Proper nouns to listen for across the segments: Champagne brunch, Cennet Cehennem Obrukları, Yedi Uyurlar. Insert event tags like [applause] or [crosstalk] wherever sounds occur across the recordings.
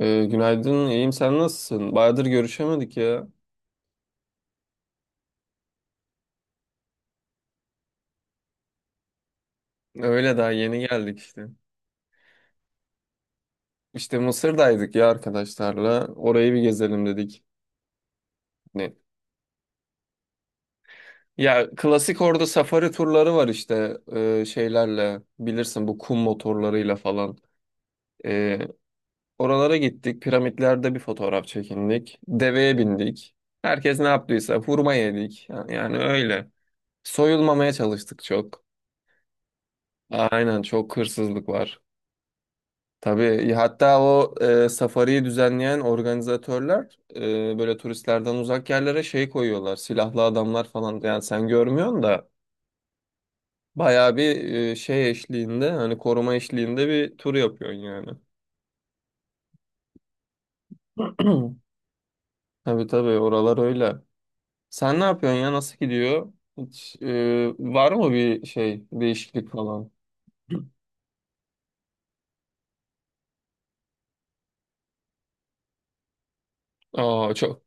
Günaydın, iyiyim. Sen nasılsın? Bayağıdır görüşemedik ya. Öyle daha yeni geldik işte. İşte Mısır'daydık ya arkadaşlarla. Orayı bir gezelim dedik. Ne? Ya klasik orada safari turları var işte şeylerle bilirsin bu kum motorlarıyla falan. Ee, Oralara gittik. Piramitlerde bir fotoğraf çekindik. Deveye bindik. Herkes ne yaptıysa hurma yedik. Yani öyle. Soyulmamaya çalıştık çok. Aynen, çok hırsızlık var. Tabii, hatta o safariyi düzenleyen organizatörler böyle turistlerden uzak yerlere şey koyuyorlar. Silahlı adamlar falan yani sen görmüyorsun da bayağı bir şey eşliğinde, hani koruma eşliğinde bir tur yapıyorsun yani. [clears throat] Tabii tabii, oralar öyle. Sen ne yapıyorsun ya, nasıl gidiyor? Hiç, var mı bir şey, değişiklik falan? Aa, çok.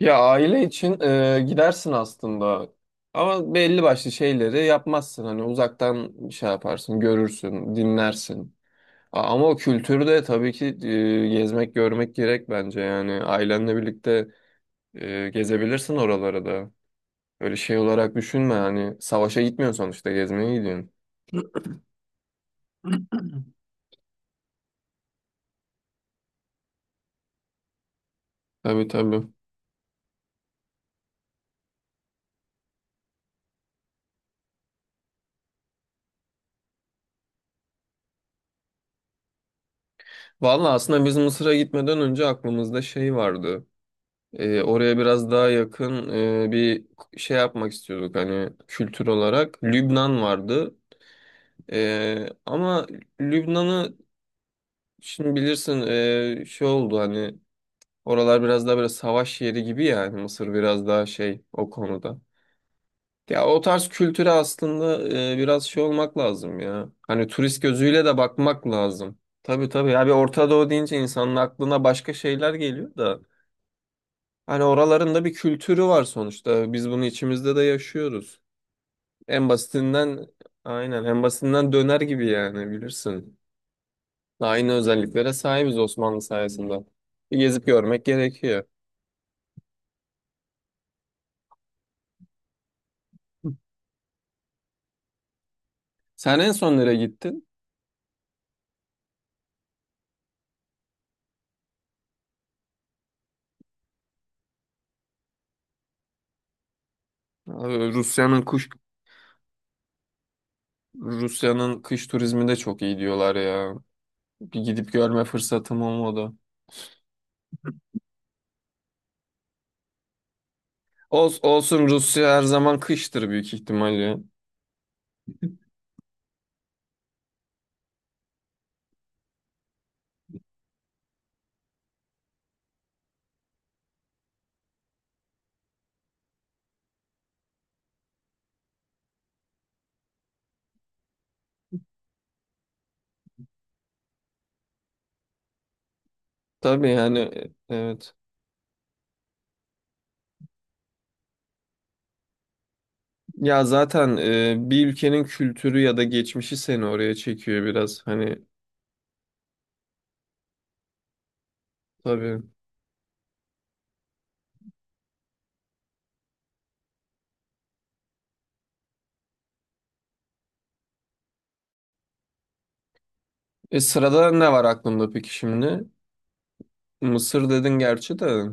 Ya aile için gidersin aslında. Ama belli başlı şeyleri yapmazsın. Hani uzaktan şey yaparsın, görürsün, dinlersin. Ama o kültürde tabii ki gezmek, görmek gerek bence. Yani ailenle birlikte gezebilirsin oralara da. Öyle şey olarak düşünme. Hani savaşa gitmiyorsun sonuçta, gezmeye gidiyorsun. Tabii tabii. Vallahi aslında biz Mısır'a gitmeden önce aklımızda şey vardı. Oraya biraz daha yakın bir şey yapmak istiyorduk, hani kültür olarak. Lübnan vardı. Ama Lübnan'ı şimdi bilirsin, şey oldu, hani oralar biraz daha böyle savaş yeri gibi, yani Mısır biraz daha şey o konuda. Ya o tarz kültüre aslında biraz şey olmak lazım ya. Hani turist gözüyle de bakmak lazım. Tabii tabii ya, bir Orta Doğu deyince insanın aklına başka şeyler geliyor da. Hani oraların da bir kültürü var sonuçta. Biz bunu içimizde de yaşıyoruz. En basitinden, aynen en basitinden döner gibi yani, bilirsin. Aynı özelliklere sahibiz Osmanlı sayesinde. Bir gezip görmek gerekiyor. Sen en son nereye gittin? Abi Rusya'nın kuş Rusya'nın kış turizmi de çok iyi diyorlar ya. Bir gidip görme fırsatım olmadı. Olsun, Rusya her zaman kıştır büyük ihtimalle. Tabii yani, evet. Ya zaten bir ülkenin kültürü ya da geçmişi seni oraya çekiyor biraz. Hani, tabii. Sırada ne var aklımda peki şimdi? Mısır dedin gerçi de.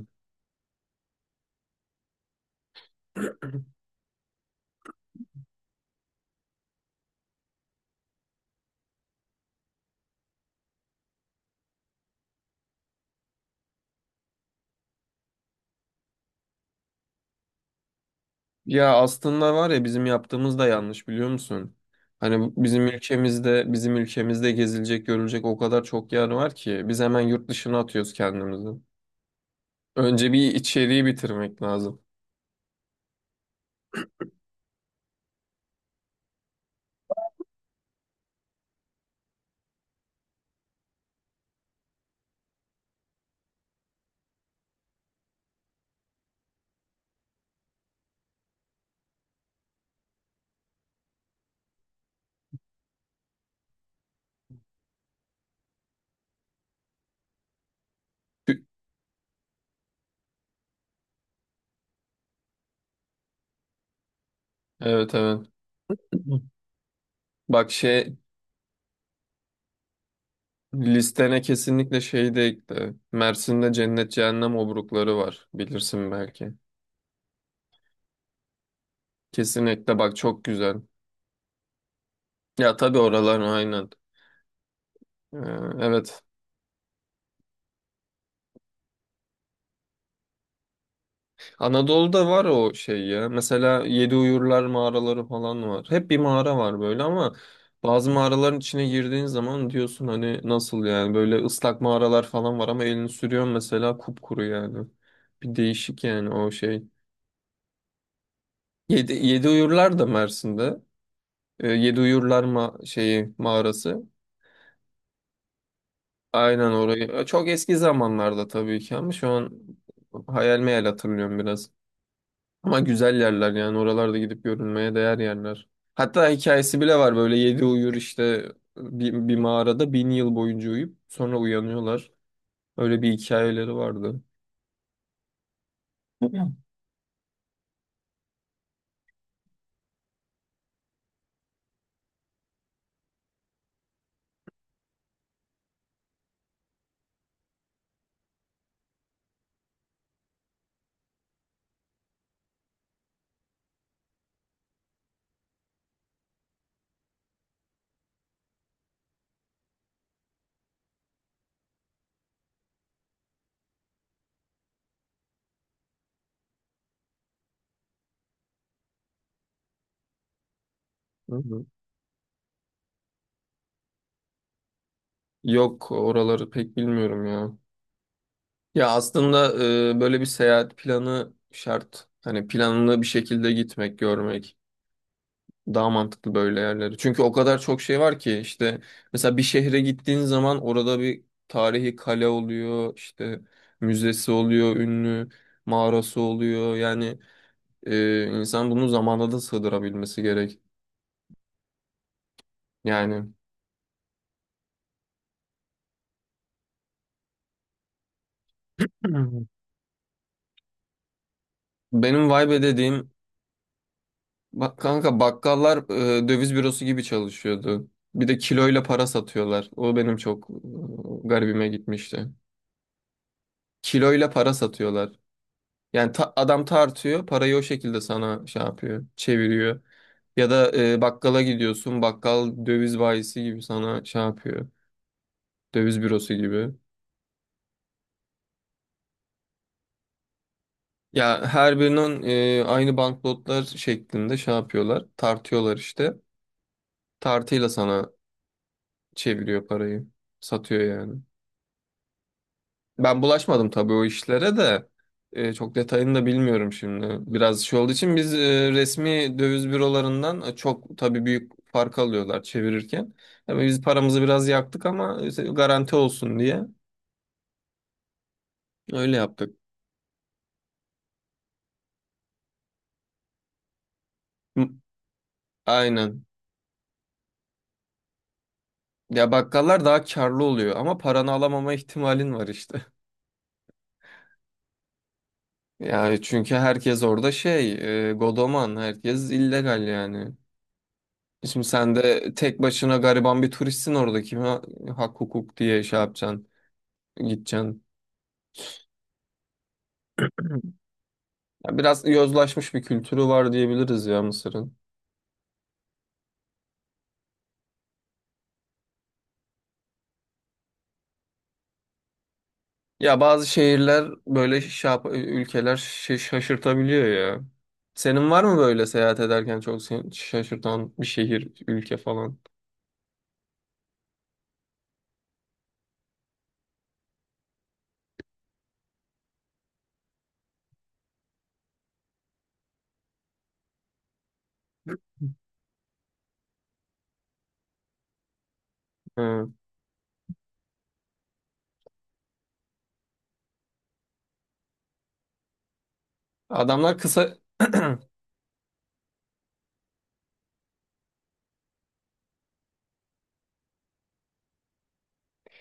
Ya aslında var ya, bizim yaptığımız da yanlış, biliyor musun? Hani bizim ülkemizde gezilecek görülecek o kadar çok yer var ki biz hemen yurt dışına atıyoruz kendimizi. Önce bir içeriği bitirmek lazım. Evet evet. [clears throat] Bak şey, listene kesinlikle şey de ekle. Mersin'de Cennet Cehennem Obrukları var. Bilirsin belki. Kesinlikle bak, çok güzel. Ya tabii oralar, aynen. Ee, evet. Anadolu'da var o şey ya. Mesela Yedi Uyurlar mağaraları falan var. Hep bir mağara var böyle ama bazı mağaraların içine girdiğin zaman diyorsun hani, nasıl yani, böyle ıslak mağaralar falan var ama elini sürüyorsun mesela kupkuru yani. Bir değişik yani o şey. Yedi Uyurlar da Mersin'de. Yedi Uyurlar ma şeyi mağarası. Aynen orayı. Çok eski zamanlarda tabii ki, ama şu an hayal meyal hatırlıyorum biraz. Ama güzel yerler yani, oralarda gidip görünmeye değer yerler. Hatta hikayesi bile var, böyle yedi uyur işte bir mağarada 1000 yıl boyunca uyuyup sonra uyanıyorlar. Öyle bir hikayeleri vardı. Hı hı. Yok, oraları pek bilmiyorum ya. Ya aslında böyle bir seyahat planı şart. Hani planlı bir şekilde gitmek, görmek. Daha mantıklı böyle yerleri. Çünkü o kadar çok şey var ki işte, mesela bir şehre gittiğin zaman orada bir tarihi kale oluyor, işte müzesi oluyor, ünlü mağarası oluyor. Yani insan bunu zamanda da sığdırabilmesi gerek. Yani. Hı. Benim vibe dediğim, bak kanka, bakkallar döviz bürosu gibi çalışıyordu. Bir de kiloyla para satıyorlar. O benim çok garibime gitmişti. Kiloyla para satıyorlar. Yani adam tartıyor, parayı o şekilde sana şey yapıyor, çeviriyor. Ya da bakkala gidiyorsun, bakkal döviz bayisi gibi sana şey yapıyor, döviz bürosu gibi. Ya her birinin aynı banknotlar şeklinde şey yapıyorlar, tartıyorlar işte. Tartıyla sana çeviriyor parayı, satıyor yani. Ben bulaşmadım tabii o işlere de. Çok detayını da bilmiyorum şimdi. Biraz şey olduğu için biz resmi döviz bürolarından çok tabii büyük fark alıyorlar çevirirken. Yani biz paramızı biraz yaktık ama işte garanti olsun diye öyle yaptık. Hı, aynen. Ya bakkallar daha karlı oluyor ama paranı alamama ihtimalin var işte. [laughs] Yani çünkü herkes orada şey, godoman, herkes illegal yani. Şimdi sen de tek başına gariban bir turistsin orada. Kime hak hukuk diye şey yapacaksın, gideceksin. Ya biraz yozlaşmış bir kültürü var diyebiliriz ya Mısır'ın. Ya bazı şehirler böyle şey ülkeler şaşırtabiliyor ya. Senin var mı böyle seyahat ederken çok seni şaşırtan bir şehir, ülke falan? Hı. Adamlar kısa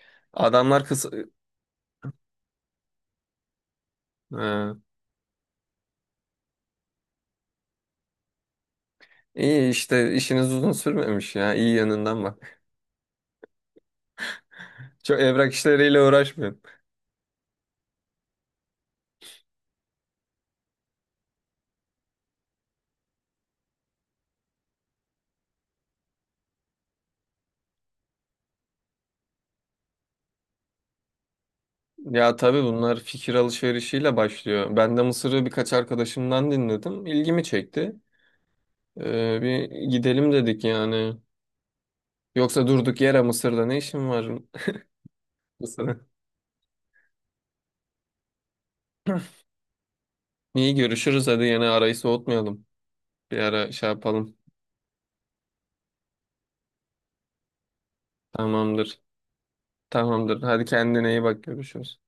[clears throat] adamlar kısa Hı. İyi işte, işiniz uzun sürmemiş ya. İyi yanından bak. [laughs] Çok evrak işleriyle uğraşmıyor. Ya tabii bunlar fikir alışverişiyle başlıyor. Ben de Mısır'ı birkaç arkadaşımdan dinledim. İlgimi çekti. Bir gidelim dedik yani. Yoksa durduk yere Mısır'da ne işim var, [laughs] Mısır'a? İyi, görüşürüz. Hadi yine arayı soğutmayalım. Bir ara şey yapalım. Tamamdır. Tamamdır. Hadi kendine iyi bak, görüşürüz.